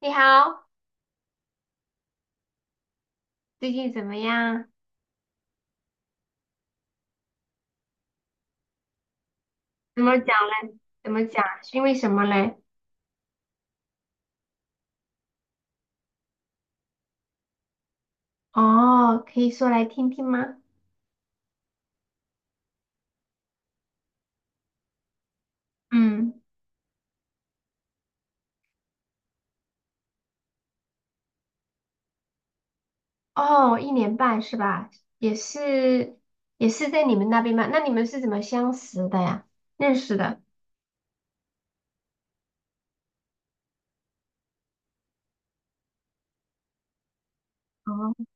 你好，最近怎么样？怎么讲嘞？怎么讲？是因为什么嘞？哦，可以说来听听吗？嗯，哦，一年半是吧？也是，也是在你们那边吗？那你们是怎么相识的呀？认识的？哦，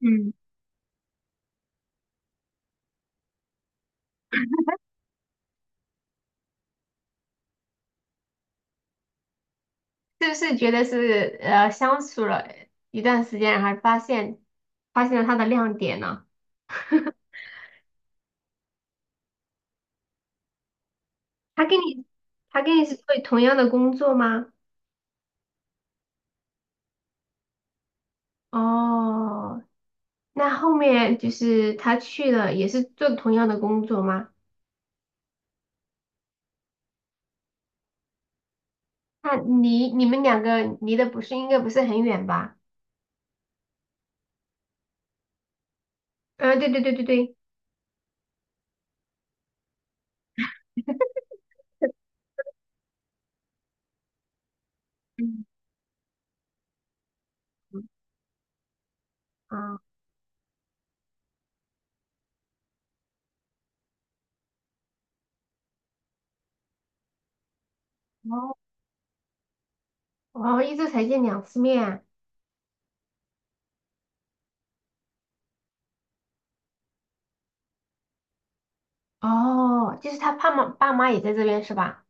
嗯，是不是觉得是相处了一段时间，然后发现了他的亮点呢？他跟你他跟你是做同样的工作吗？哦。那后面就是他去了，也是做同样的工作吗？那离你们两个离的不是应该不是很远吧？嗯，对对对对对，嗯，啊，哦，哦，一周才见两次面，哦，就是他爸妈也在这边是吧？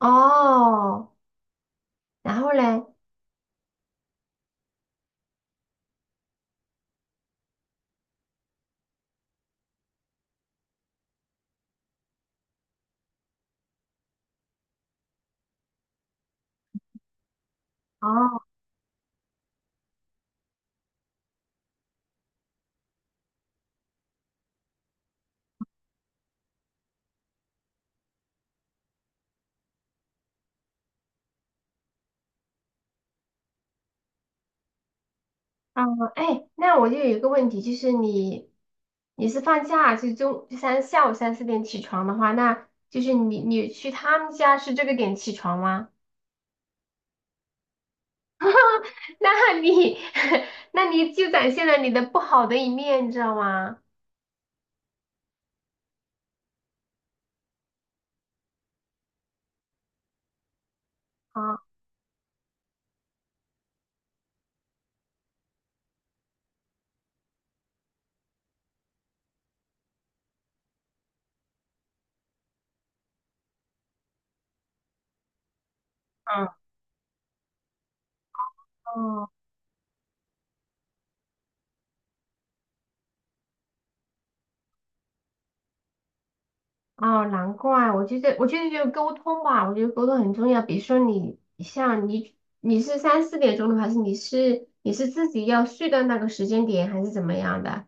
哦，然后嘞，哦，啊，哎，那我就有一个问题，就是你是放假是中就三下午三四点起床的话，那就是你去他们家是这个点起床吗？那你 那你就展现了你的不好的一面，你知道吗？啊，嗯，哦哦，难怪，我觉得就沟通吧，我觉得沟通很重要。比如说你像你是三四点钟的，还是你是自己要睡到那个时间点，还是怎么样的？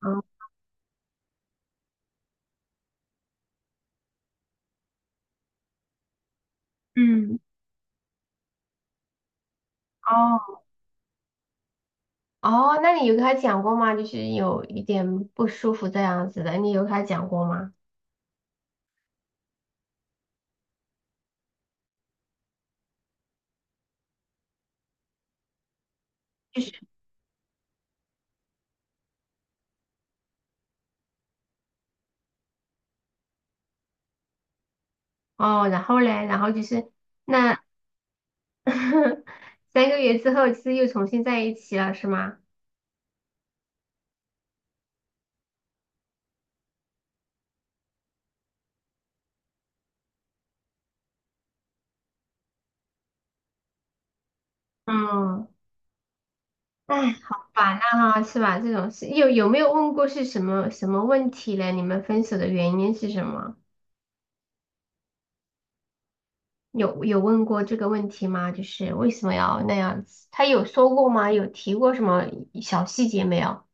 嗯嗯，哦，哦，那你有跟他讲过吗？就是有一点不舒服这样子的，你有跟他讲过吗？就是哦，然后嘞，然后就是那 三个月之后，是又重新在一起了，是吗？嗯，哎，好烦呐哈，是吧？这种事有没有问过是什么问题嘞？你们分手的原因是什么？有问过这个问题吗？就是为什么要那样子？他有说过吗？有提过什么小细节没有？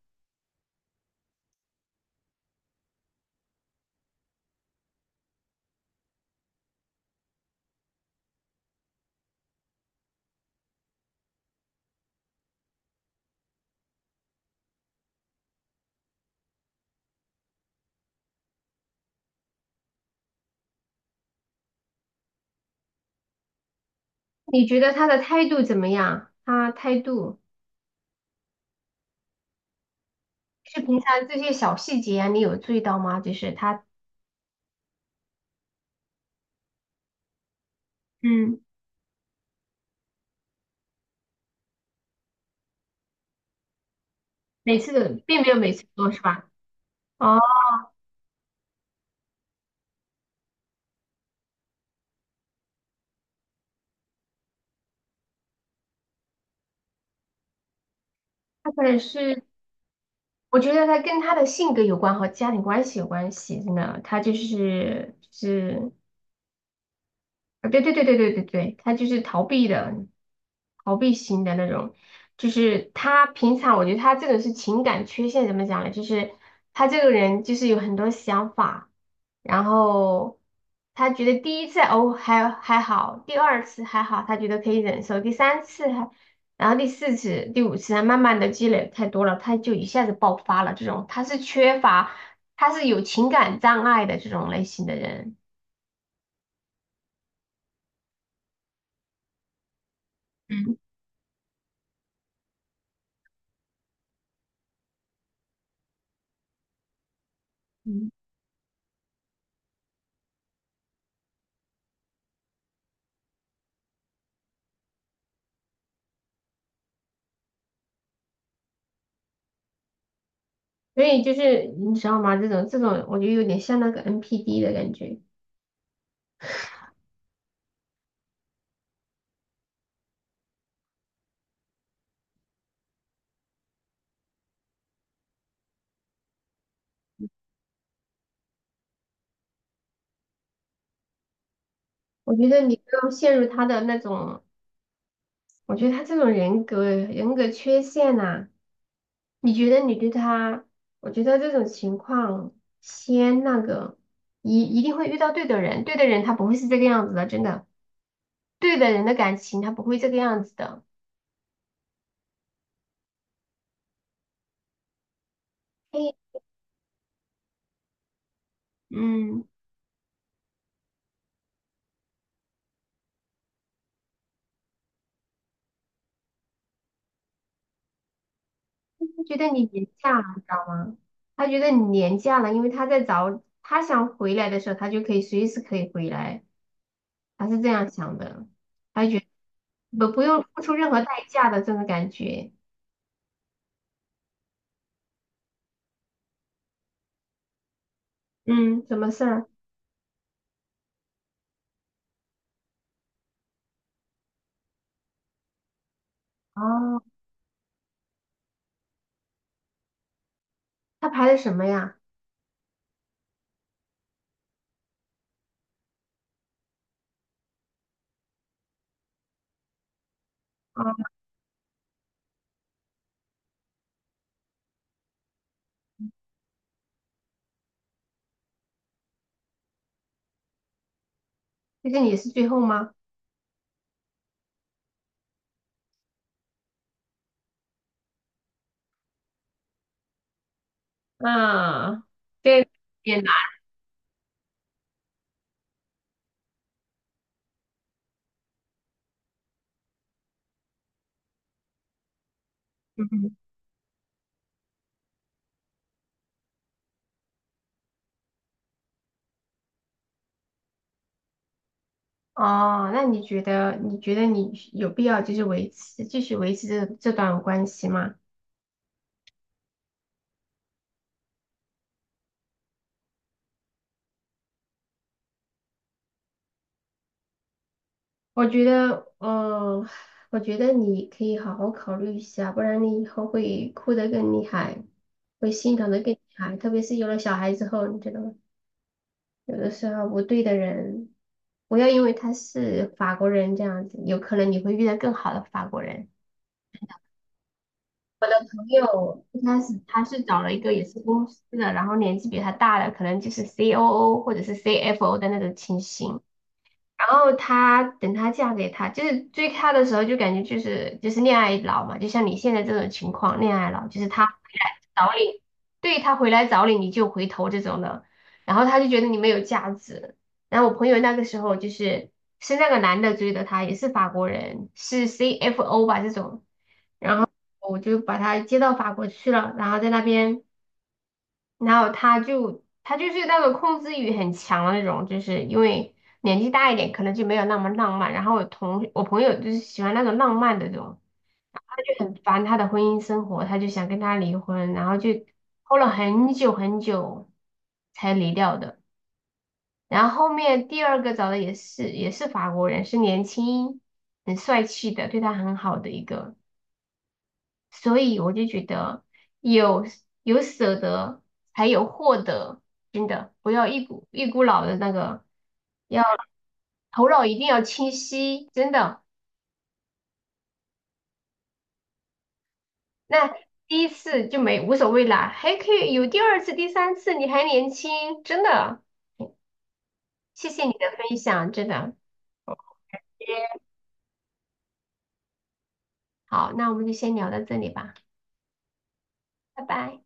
你觉得他的态度怎么样？他态度就是平常这些小细节啊，你有注意到吗？就是他，嗯，每次都并没有每次说，是吧？哦，他可能是。我觉得他跟他的性格有关和家庭关系有关系，真的，他就是，啊，对对对对对对对，他就是逃避的，逃避型的那种。就是他平常，我觉得他这个是情感缺陷，怎么讲呢？就是他这个人就是有很多想法，然后他觉得第一次还好，第二次还好，他觉得可以忍受，第三次还，然后第四次、第五次啊，他慢慢的积累太多了，他就一下子爆发了。这种他是缺乏，他是有情感障碍的这种类型的人。嗯嗯。所以就是你知道吗？这种，我觉得有点像那个 NPD 的感觉。我觉得你不要陷入他的那种，我觉得他这种人格缺陷呐、你觉得你对他，我觉得这种情况先那个，一定会遇到对的人，对的人他不会是这个样子的，真的，对的人的感情他不会这个样子的。嘿，嗯，他觉得你廉价了，你知道吗？他觉得你廉价了，因为他在找他想回来的时候，他就可以随时可以回来。他是这样想的，他觉得不用付出任何代价的这种感觉。嗯，什么事儿？哦，他排的什么呀？哦，就是你是最后吗？啊，对，也难。嗯，哦，那你觉得你有必要就是继续维持这段关系吗？我觉得，嗯、我觉得你可以好好考虑一下，不然你以后会哭得更厉害，会心疼得更厉害，特别是有了小孩之后，你知道吗？有的时候不对的人，不要因为他是法国人这样子，有可能你会遇到更好的法国人。朋友一开始他是找了一个也是公司的，然后年纪比他大的，可能就是 COO 或者是 CFO 的那种情形。然后她等她嫁给他，就是追他的时候就感觉就是恋爱脑嘛，就像你现在这种情况，恋爱脑就是他回来找你，对他回来找你你就回头这种的，然后他就觉得你没有价值。然后我朋友那个时候就是是那个男的追的他，也是法国人，是 CFO 吧这种，我就把他接到法国去了，然后在那边。然后他就是那种控制欲很强的那种，就是因为年纪大一点，可能就没有那么浪漫。然后我同我朋友就是喜欢那种浪漫的这种，他就很烦他的婚姻生活，他就想跟他离婚，然后就拖了很久才离掉的。然后后面第二个找的也是法国人，是年轻很帅气的，对他很好的一个。所以我就觉得有有舍得才有获得，真的不要一股脑的那个，要头脑一定要清晰，真的。那第一次就没无所谓啦，还可以有第二次、第三次，你还年轻，真的。谢谢你的分享，真的。好，那我们就先聊到这里吧，拜拜。